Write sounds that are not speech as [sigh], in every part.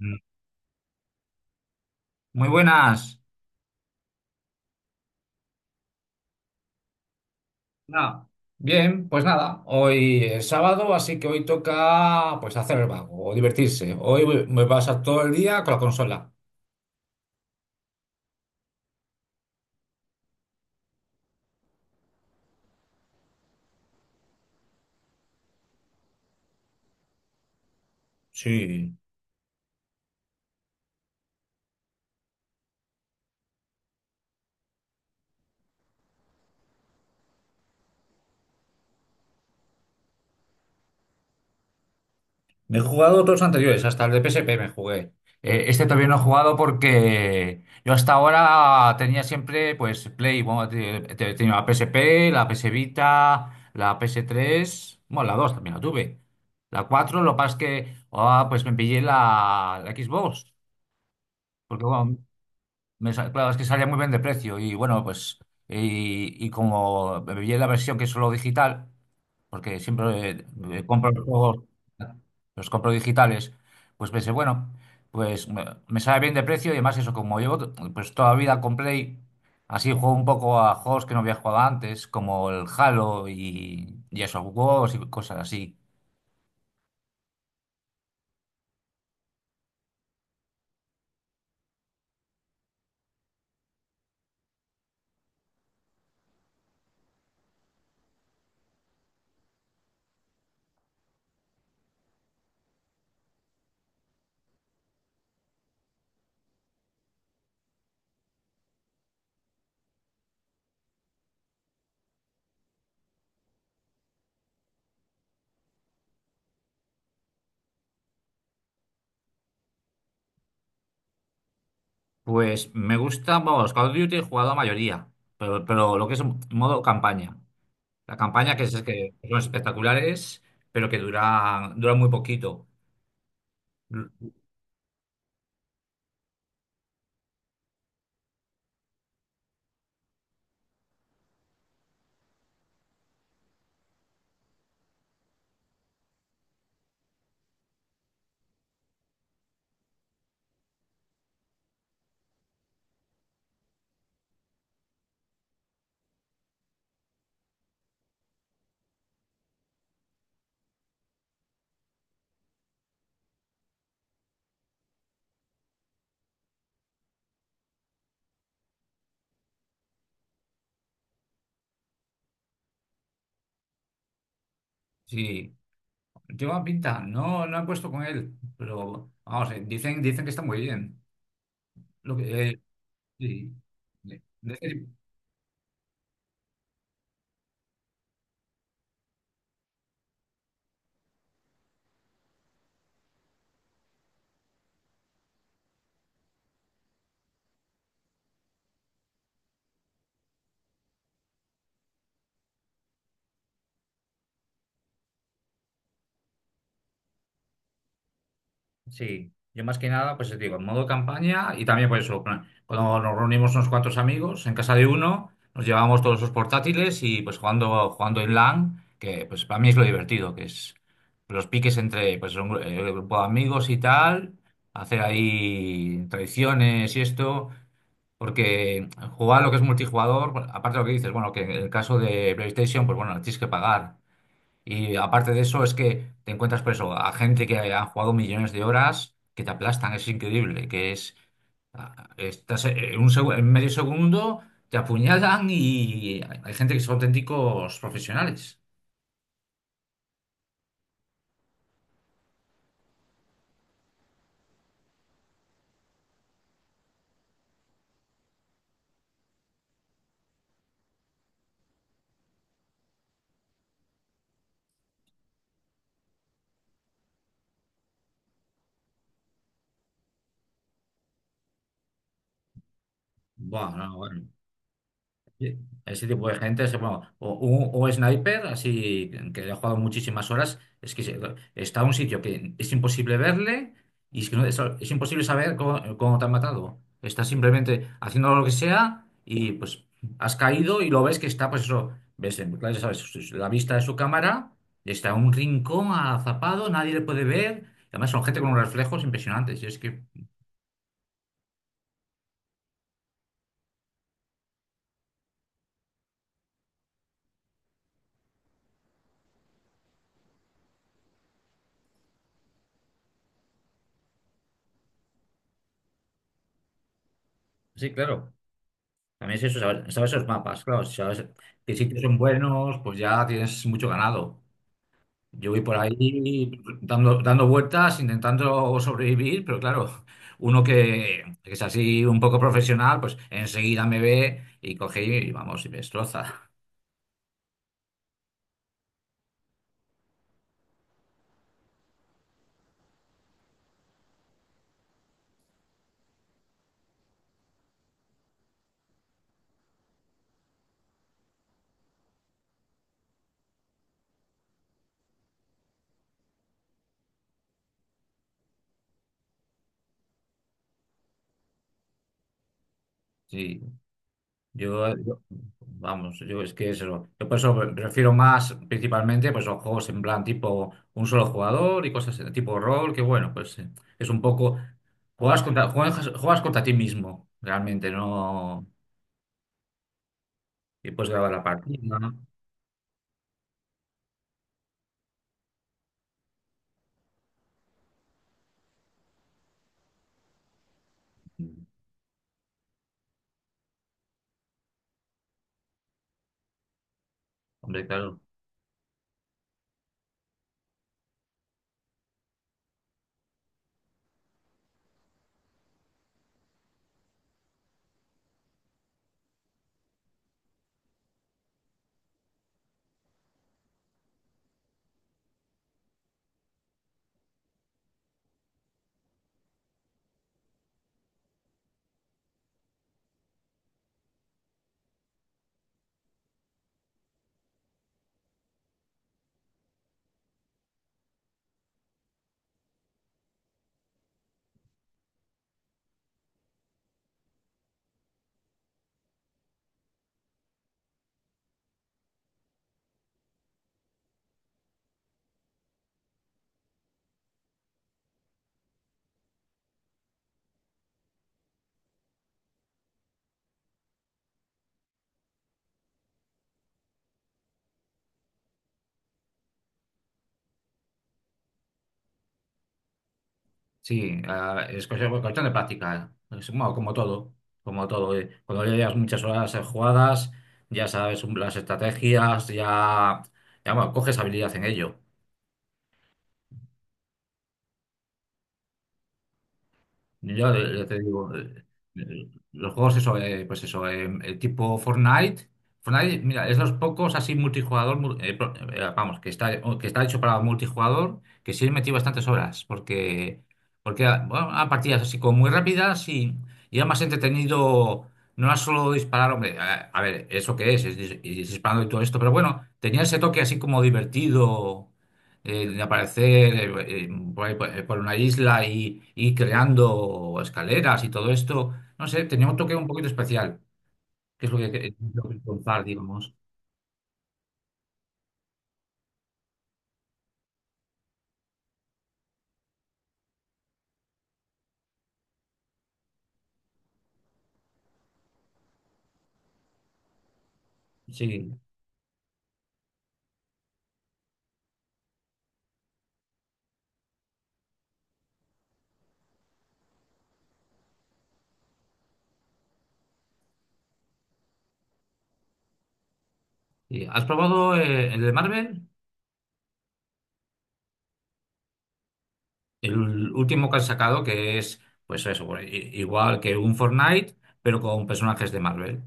Mm, Muy buenas. Nada. Bien, pues nada, hoy es sábado, así que hoy toca pues hacer el vago o divertirse. Me pasa todo el día con la consola. Sí, me he jugado todos los anteriores, hasta el de PSP me jugué. Este todavía no he jugado porque yo hasta ahora tenía siempre pues Play, bueno, tenía la PSP, la PS Vita, la PS3 bueno, la 2 también la tuve. La 4 lo que pasa es que pues me pillé la Xbox. Porque bueno, claro, es que salía muy bien de precio y bueno, pues y como vi en la versión que es solo digital, porque siempre compro los juegos, los compro digitales, pues pensé, bueno, pues me sale bien de precio y además eso, como pues toda la vida con Play, así juego un poco a juegos que no había jugado antes, como el Halo y esos juegos y cosas así. Pues me gusta, vamos, Call of Duty he jugado la mayoría, pero lo que es modo campaña. La campaña que es que son espectaculares, pero que dura muy poquito. Sí, lleva pinta. No, no he puesto con él, pero vamos, dicen que está muy bien. Lo que, eh, sí. De- de- este Sí, yo más que nada, pues te digo, en modo campaña y también por eso, plan, cuando nos reunimos unos cuantos amigos en casa de uno, nos llevamos todos los portátiles y pues jugando en LAN, que pues para mí es lo divertido, que es los piques entre pues grupo de amigos y tal, hacer ahí tradiciones y esto, porque jugar lo que es multijugador, bueno, aparte de lo que dices, bueno, que en el caso de PlayStation, pues bueno, tienes que pagar. Y aparte de eso, es que te encuentras preso a gente que ha jugado millones de horas que te aplastan, es increíble, que es, estás en un en medio segundo, te apuñalan y hay gente que son auténticos profesionales. No, bueno. Sí. Ese tipo de gente es bueno, o sniper, así que ha jugado muchísimas horas, está en un sitio que es imposible verle y es que es imposible saber cómo te han matado. Estás simplemente haciendo lo que sea y pues has caído y lo ves que está, pues eso, ves, claro, ya sabes, la vista de su cámara, está en un rincón azapado, nadie le puede ver. Además son gente con unos reflejos impresionantes. Sí, claro. También es eso, saber esos mapas, claro. Si sabes qué sitios son buenos, pues ya tienes mucho ganado. Yo voy por ahí dando vueltas, intentando sobrevivir, pero claro, uno que es así un poco profesional, pues enseguida me ve y coge y vamos, y me destroza. Sí. Yo, yo- vamos, yo es que es eso. Yo por eso me refiero más principalmente pues, a juegos en plan tipo un solo jugador y cosas de tipo rol, que bueno, pues es un poco. Juegas contra ti mismo, realmente, no. Y puedes grabar la partida. Hombre, claro. Sí, es cuestión de práctica. Es, bueno, como todo, como todo. Cuando ya llevas muchas horas jugadas, ya sabes las estrategias, ya bueno, coges habilidad en ello. Ya te digo, los juegos, eso, pues eso, tipo Fortnite. Fortnite, mira, es los pocos así multijugador, vamos, que está, o que está hecho para multijugador, que sí he metido bastantes horas, porque bueno, a partidas así como muy rápidas y era más entretenido, no era solo disparar, hombre, a ver, eso que es, y disparando y todo esto, pero bueno, tenía ese toque así como divertido de aparecer eh, eh, por ahí, por una isla y ir creando escaleras y todo esto. No sé, tenía un toque un poquito especial, que es lo lo que contar, digamos. Sí. Y, ¿has probado el de Marvel? El último que han sacado, que es, pues eso, pues, igual que un Fortnite, pero con personajes de Marvel.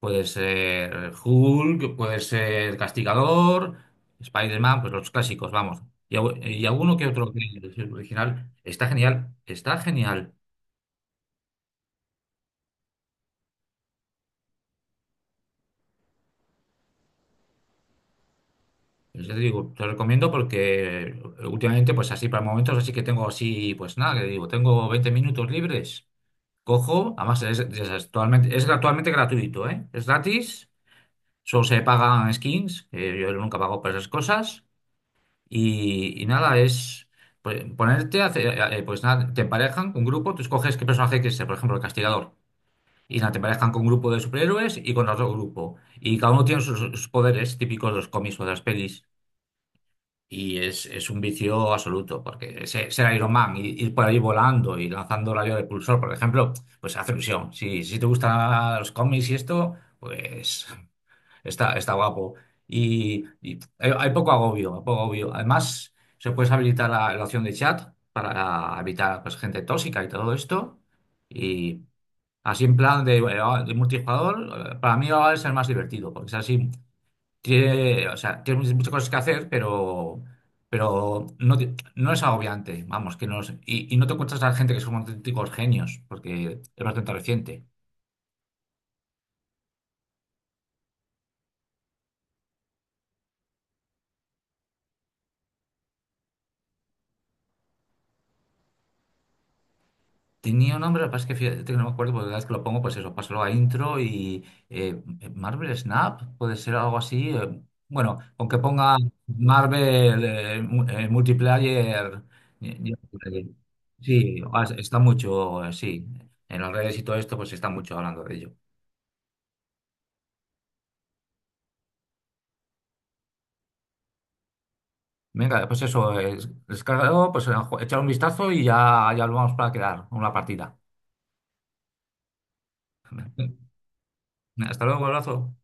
Puede ser Hulk, puede ser Castigador, Spider-Man, pues los clásicos, vamos. Y, y alguno que otro que es original. Está genial, está genial. Pues ya te digo, te lo recomiendo porque últimamente, pues así para momentos, así que tengo así, pues nada, que digo, tengo 20 minutos libres. Cojo, además es actualmente gratuito, ¿eh? Es gratis. Solo se pagan skins, que yo nunca pago por esas cosas. Y nada, es pues, pues nada, te emparejan con un grupo, tú escoges qué personaje quieres ser, por ejemplo, el castigador. Y nada, te emparejan con un grupo de superhéroes y con otro grupo. Y cada uno tiene sus poderes típicos de los cómics o de las pelis. Y es un vicio absoluto, porque ser Iron Man, y ir por ahí volando y lanzando rayo de pulsor, por ejemplo, pues hace ilusión. Si te gustan los cómics y esto, pues... Está, está guapo. Y hay poco agobio, hay poco agobio. Además, se puede habilitar la opción de chat para evitar pues, gente tóxica y todo esto. Y así en plan de multijugador, para mí ahora es el más divertido, porque es así, tiene, o sea, tiene muchas muchas cosas que hacer, pero no, no es agobiante, vamos, que no es- y no te encuentras a gente que son auténticos genios, porque es bastante reciente. Tenía un nombre, lo que pasa es que fíjate que no me acuerdo, porque cada vez que lo pongo, pues eso, paso luego a intro y eh, Marvel Snap, puede ser algo así. Bueno, con que ponga Marvel Multiplayer. eh, ya- Sí, está mucho, sí. En las redes y todo esto, pues está mucho hablando de ello. Venga, pues eso, descargado, pues echar un vistazo ya lo vamos para quedar, una partida. [laughs] Hasta luego, abrazo.